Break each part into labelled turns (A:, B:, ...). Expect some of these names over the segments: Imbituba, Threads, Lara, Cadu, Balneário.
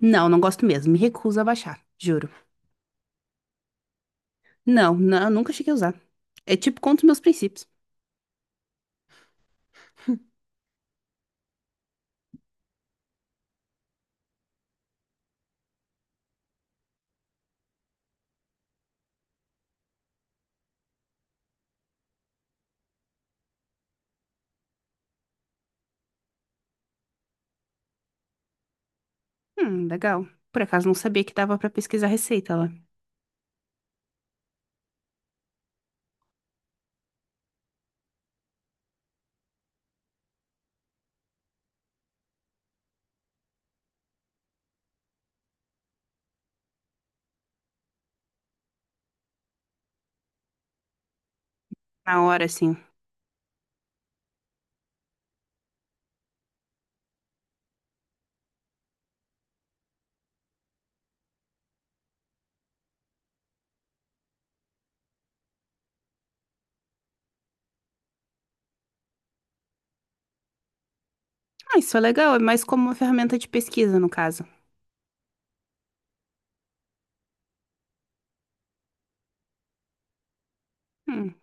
A: Não, não gosto mesmo. Me recuso a baixar, juro. Não, não, nunca cheguei a usar. É tipo contra os meus princípios. Legal. Por acaso não sabia que dava pra pesquisar receita lá. Na hora, assim. Ah, isso é legal, é mais como uma ferramenta de pesquisa, no caso. Hum,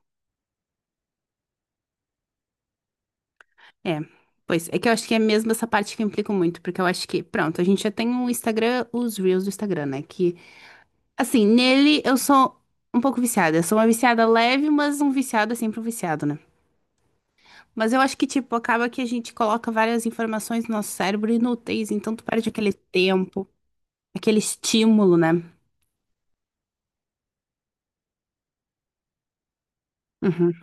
A: é. Pois, é que eu acho que é mesmo essa parte que eu implico muito, porque eu acho que, pronto, a gente já tem o Instagram, os Reels do Instagram, né? Que, assim, nele eu sou um pouco viciada. Eu sou uma viciada leve, mas um viciado é sempre um viciado, né? Mas eu acho que, tipo, acaba que a gente coloca várias informações no nosso cérebro inúteis, então tu perde aquele tempo, aquele estímulo, né? Uhum.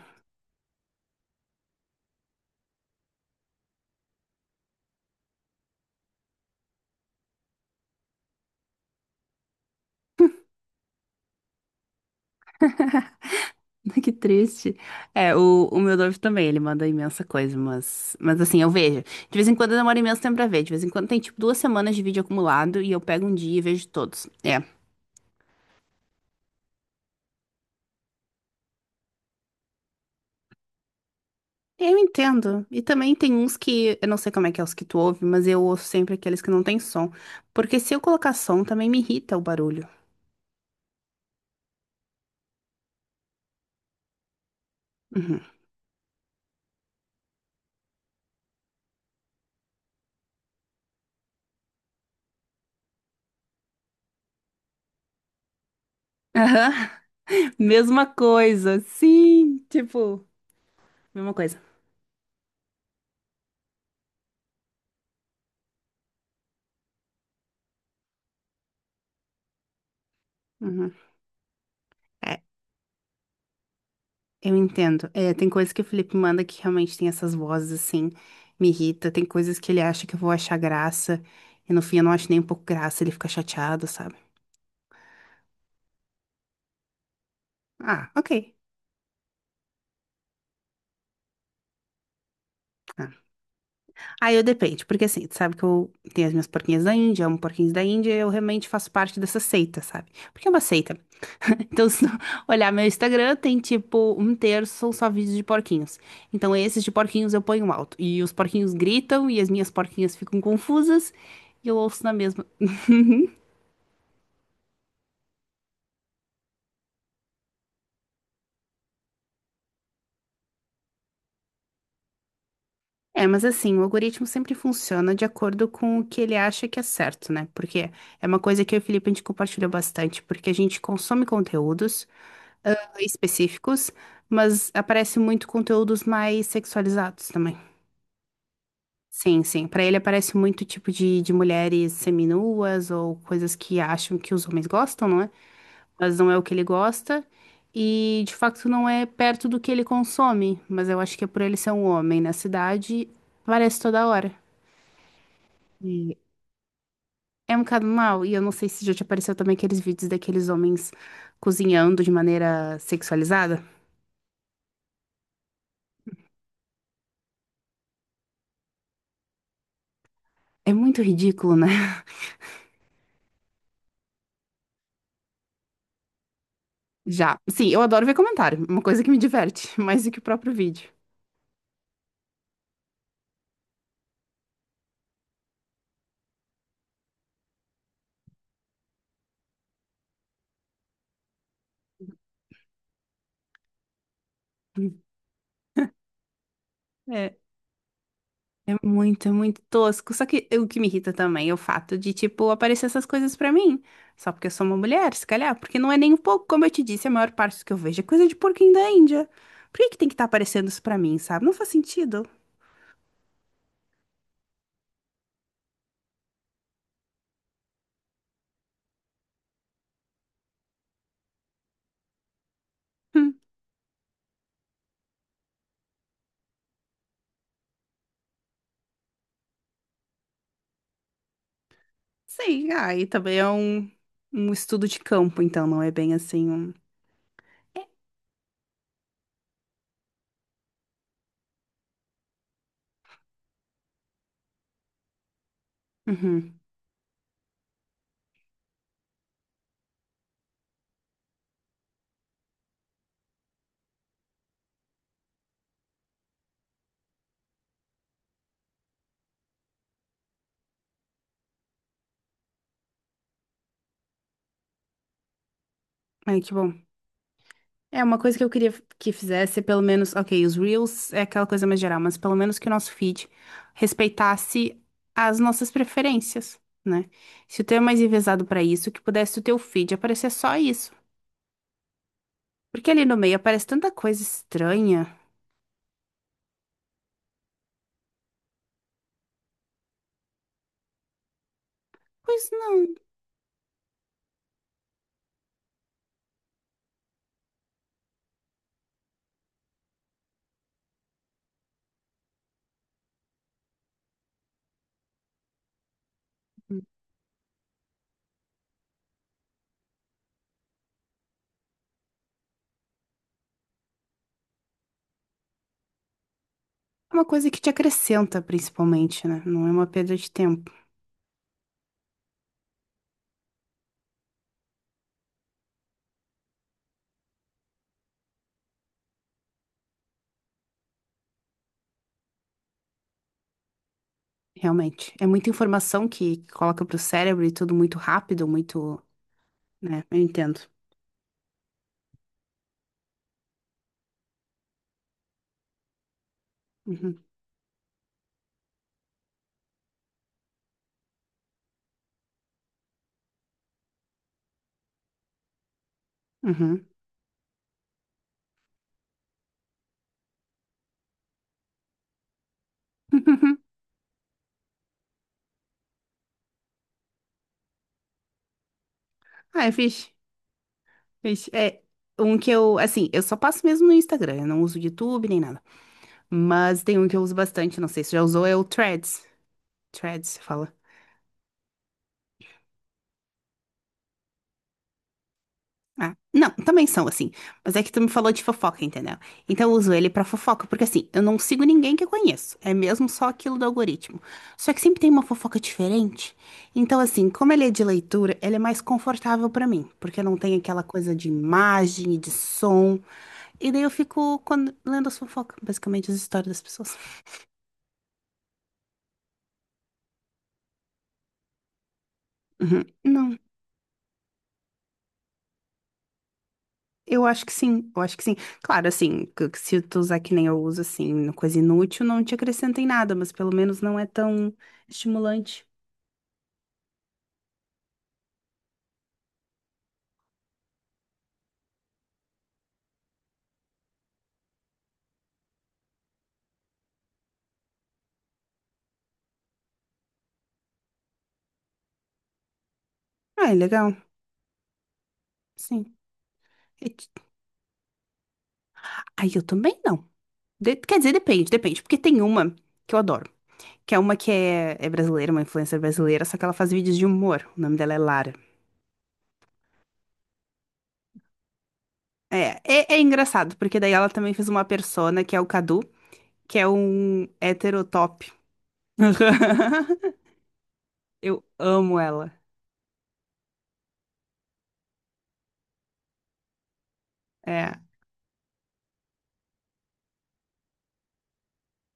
A: Que triste. É, o meu noivo também, ele manda imensa coisa, mas assim, eu vejo. De vez em quando demora imenso tempo pra ver, de vez em quando tem, tipo, duas semanas de vídeo acumulado e eu pego um dia e vejo todos. É. Eu entendo. E também tem uns que, eu não sei como é que é os que tu ouve, mas eu ouço sempre aqueles que não tem som. Porque se eu colocar som, também me irrita o barulho. Uhum. Mesma coisa, sim, tipo, mesma coisa. Uhum. É, eu entendo. É, tem coisas que o Felipe manda que realmente tem essas vozes assim, me irrita. Tem coisas que ele acha que eu vou achar graça, e no fim eu não acho nem um pouco graça, ele fica chateado, sabe? Ah, ok. Ah, Aí eu depende, porque assim, tu sabe que eu tenho as minhas porquinhas da Índia, amo porquinhos da Índia, e eu realmente faço parte dessa seita, sabe? Porque é uma seita. Então, se tu olhar meu Instagram, tem tipo um terço são só vídeos de porquinhos. Então, esses de porquinhos eu ponho alto. E os porquinhos gritam, e as minhas porquinhas ficam confusas, e eu ouço na mesma. É, mas assim, o algoritmo sempre funciona de acordo com o que ele acha que é certo, né? Porque é uma coisa que eu e o Felipe a gente compartilha bastante, porque a gente consome conteúdos ah, específicos, mas aparece muito conteúdos mais sexualizados também. Sim, sim. Pra ele aparece muito tipo de mulheres seminuas ou coisas que acham que os homens gostam, não é? Mas não é o que ele gosta. E de facto não é perto do que ele consome. Mas eu acho que é por ele ser um homem na cidade, aparece toda hora. E é um bocado mal. E eu não sei se já te apareceu também aqueles vídeos daqueles homens cozinhando de maneira sexualizada. É muito ridículo, né? Já. Sim, eu adoro ver comentário. Uma coisa que me diverte, mais do que o próprio vídeo. É, é muito tosco. Só que o que me irrita também é o fato de, tipo, aparecer essas coisas pra mim. Só porque eu sou uma mulher, se calhar. Porque não é nem um pouco, como eu te disse, a maior parte do que eu vejo é coisa de porquinho da Índia. Por que que tem que estar aparecendo isso pra mim, sabe? Não faz sentido. Hum. Sim, ah, e também é um estudo de campo, então não é bem assim um. É. Uhum. Ai, que bom. É uma coisa que eu queria que fizesse, pelo menos, ok, os Reels é aquela coisa mais geral, mas pelo menos que o nosso feed respeitasse as nossas preferências, né? Se o teu é mais enviesado pra isso, que pudesse o teu feed aparecer só isso. Porque ali no meio aparece tanta coisa estranha. Pois não, é uma coisa que te acrescenta, principalmente, né? Não é uma perda de tempo, realmente. É muita informação que coloca pro cérebro e tudo muito rápido, muito, né? Eu entendo. Uhum. Uhum. Ah, é fixe. Vixe, é um que eu, assim, eu só passo mesmo no Instagram, eu não uso YouTube nem nada. Mas tem um que eu uso bastante, não sei se já usou, é o Threads. Threads, você fala. Ah, não, também são assim. Mas é que tu me falou de fofoca, entendeu? Então eu uso ele pra fofoca, porque assim, eu não sigo ninguém que eu conheço. É mesmo só aquilo do algoritmo. Só que sempre tem uma fofoca diferente. Então, assim, como ele é de leitura, ele é mais confortável pra mim, porque não tem aquela coisa de imagem e de som. E daí eu fico quando, lendo as fofocas, basicamente as histórias das pessoas. Uhum. Não, eu acho que sim, eu acho que sim. Claro, assim, que se tu usar que nem eu uso, assim, coisa inútil, não te acrescenta em nada, mas pelo menos não é tão estimulante. Ah, é legal, sim. E aí eu também não. Quer dizer, depende, depende, porque tem uma que eu adoro, que é uma que é, é brasileira, uma influencer brasileira, só que ela faz vídeos de humor. O nome dela é Lara. É, é, é engraçado, porque daí ela também fez uma persona, que é o Cadu, que é um heterotop. Eu amo ela. É.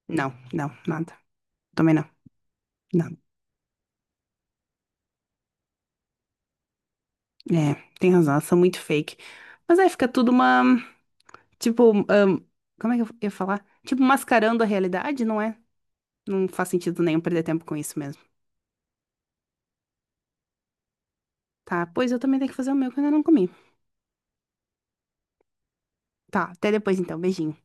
A: Não, não, nada. Também não. Não. É, tem razão, elas são muito fake. Mas aí fica tudo uma. Tipo, como é que eu ia falar? Tipo, mascarando a realidade, não é? Não faz sentido nenhum perder tempo com isso mesmo. Tá, pois eu também tenho que fazer o meu que eu ainda não comi. Tá, até depois então. Beijinho.